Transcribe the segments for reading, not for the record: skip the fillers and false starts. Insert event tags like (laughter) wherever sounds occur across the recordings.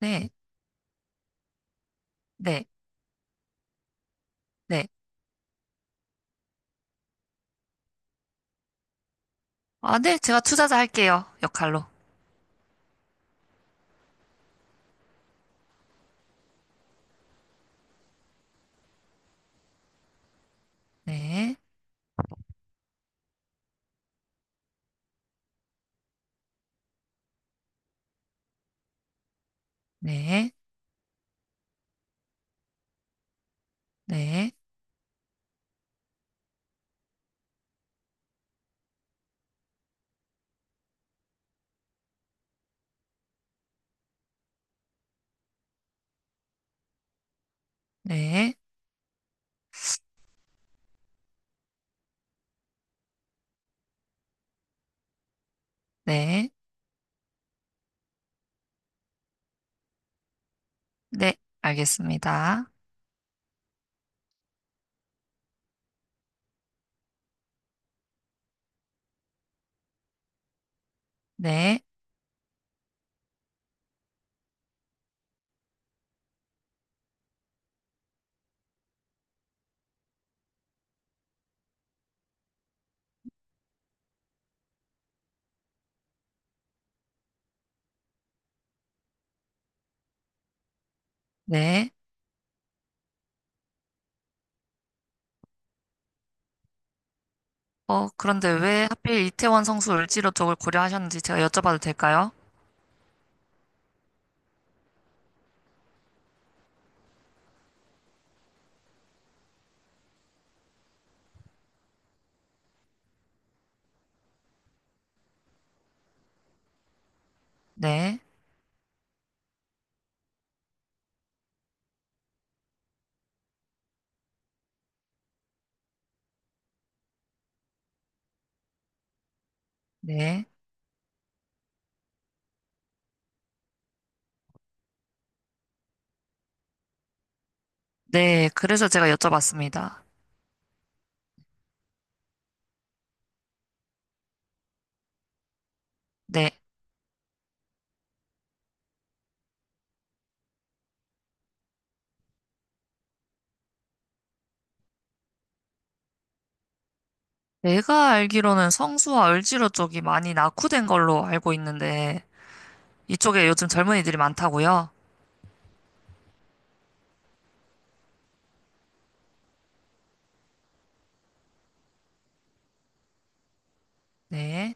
네, 네, 네. 아, 네, 제가 투자자 할게요. 역할로. 네, 네, 네, 네, 네, 네, 알겠습니다. 네, 네. 그런데 왜 하필 이태원 성수 을지로 쪽을 고려하셨는지 제가 여쭤봐도 될까요? 네, 네, 네. 그래서 제가 여쭤봤습니다. 네. 내가 알기로는 성수와 을지로 쪽이 많이 낙후된 걸로 알고 있는데, 이쪽에 요즘 젊은이들이 많다고요? 네,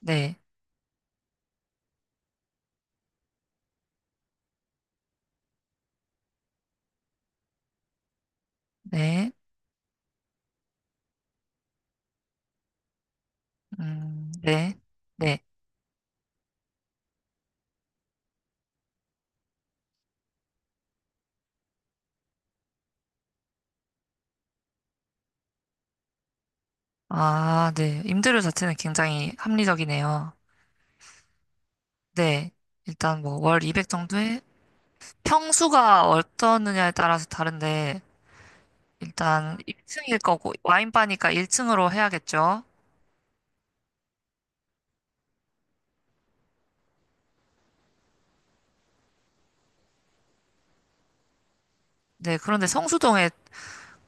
네, 네. 네. 네. 아, 네. 임대료 자체는 굉장히 합리적이네요. 네. 일단 뭐 월 200 정도에 평수가 어떠느냐에 따라서 다른데 일단 1층일 거고 와인바니까 1층으로 해야겠죠. 네. 그런데 성수동에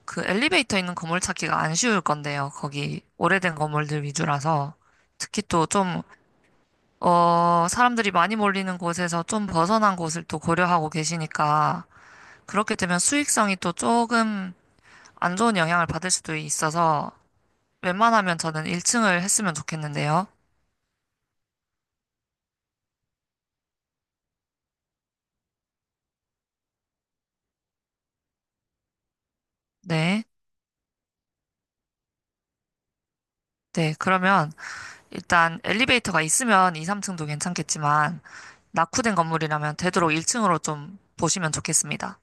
그 엘리베이터 있는 건물 찾기가 안 쉬울 건데요. 거기 오래된 건물들 위주라서 특히 또 좀, 사람들이 많이 몰리는 곳에서 좀 벗어난 곳을 또 고려하고 계시니까 그렇게 되면 수익성이 또 조금 안 좋은 영향을 받을 수도 있어서 웬만하면 저는 1층을 했으면 좋겠는데요. 네. 네. 그러면 일단 엘리베이터가 있으면 2, 3층도 괜찮겠지만 낙후된 건물이라면 되도록 1층으로 좀 보시면 좋겠습니다.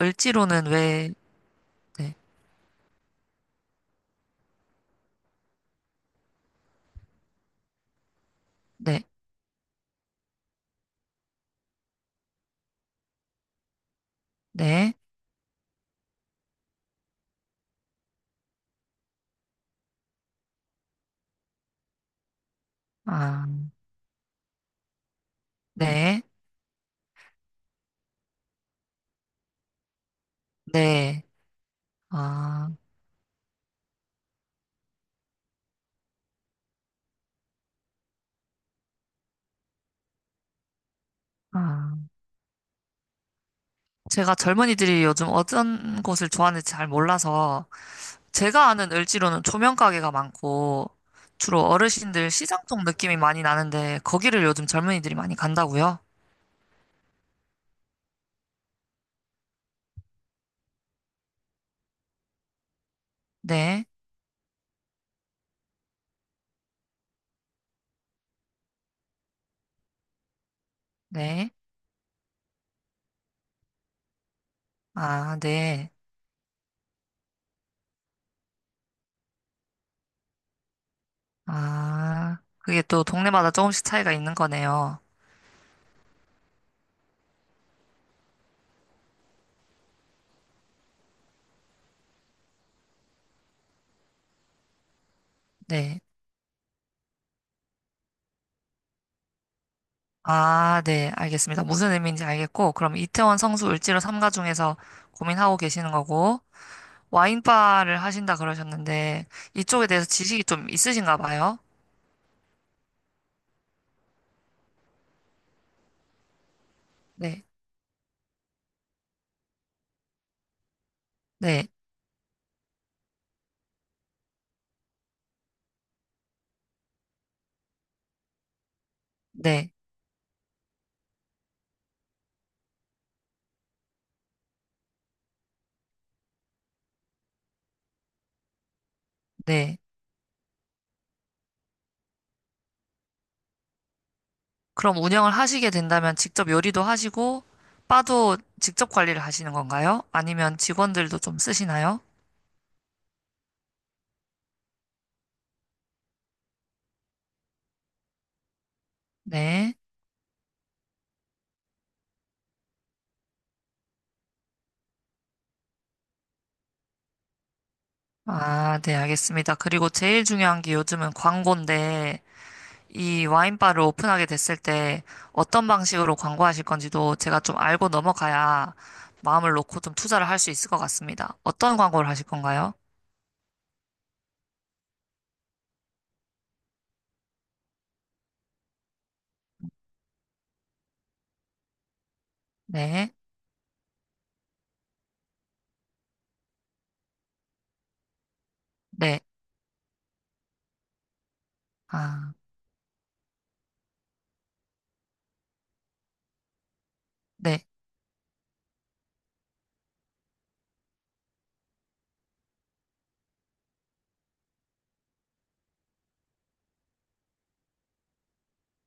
을지로는 왜, 네. 네. 네. 아, 네. 네. 아, 아. 제가 젊은이들이 요즘 어떤 곳을 좋아하는지 잘 몰라서 제가 아는 을지로는 조명 가게가 많고 주로 어르신들 시장 쪽 느낌이 많이 나는데 거기를 요즘 젊은이들이 많이 간다고요? 네, 네, 아, 네, 아, 그게 또 동네마다 조금씩 차이가 있는 거네요. 네, 아, 네, 알겠습니다. 무슨 의미인지 알겠고 그럼 이태원 성수 을지로 삼가 중에서 고민하고 계시는 거고 와인바를 하신다 그러셨는데 이쪽에 대해서 지식이 좀 있으신가 봐요? 네, 네, 네, 네. 그럼 운영을 하시게 된다면 직접 요리도 하시고, 바도 직접 관리를 하시는 건가요? 아니면 직원들도 좀 쓰시나요? 네. 아, 네, 알겠습니다. 그리고 제일 중요한 게 요즘은 광고인데, 이 와인바를 오픈하게 됐을 때 어떤 방식으로 광고하실 건지도 제가 좀 알고 넘어가야 마음을 놓고 좀 투자를 할 수 있을 것 같습니다. 어떤 광고를 하실 건가요? 네, 네, 아, 네,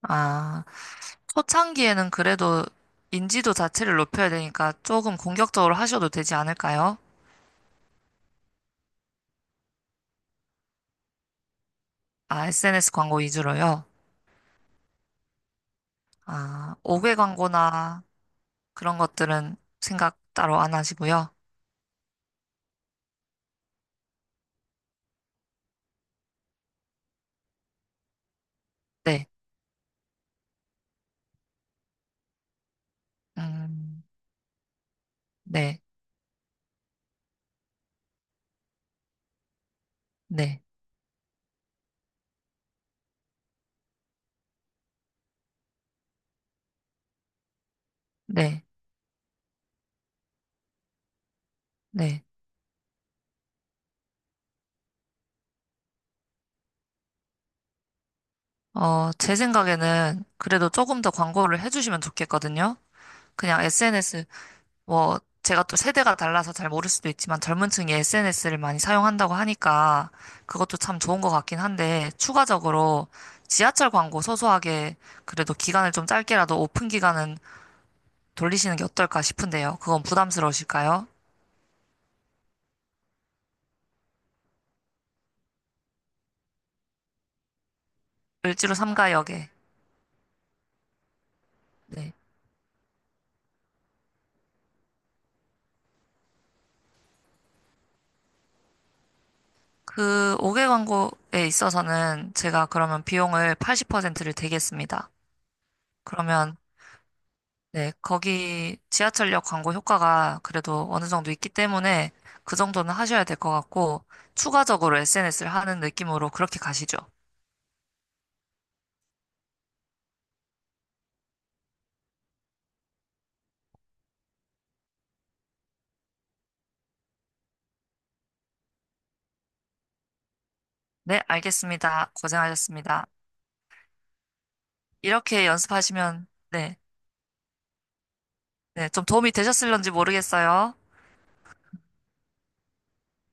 아. 초창기에는 그래도 인지도 자체를 높여야 되니까 조금 공격적으로 하셔도 되지 않을까요? 아, SNS 광고 위주로요? 아, 5개 광고나 그런 것들은 생각 따로 안 하시고요. 네, 음, 네, 네, 네, 네. 제 생각에는 그래도 조금 더 광고를 해주시면 좋겠거든요. 그냥 SNS 뭐, 제가 또 세대가 달라서 잘 모를 수도 있지만 젊은 층이 SNS를 많이 사용한다고 하니까 그것도 참 좋은 것 같긴 한데 추가적으로 지하철 광고 소소하게 그래도 기간을 좀 짧게라도 오픈 기간은 돌리시는 게 어떨까 싶은데요. 그건 부담스러우실까요? 을지로 삼가역에. 네. 그 5개 광고에 있어서는 제가 그러면 비용을 80%를 대겠습니다. 그러면 네, 거기 지하철역 광고 효과가 그래도 어느 정도 있기 때문에 그 정도는 하셔야 될 것 같고, 추가적으로 SNS를 하는 느낌으로 그렇게 가시죠. 네, 알겠습니다. 고생하셨습니다. 이렇게 연습하시면, 네, 네, 좀 도움이 되셨을런지 모르겠어요.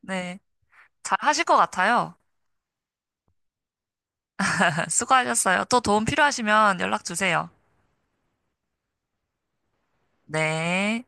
네, 잘 하실 것 같아요. (laughs) 수고하셨어요. 또 도움 필요하시면 연락 주세요. 네.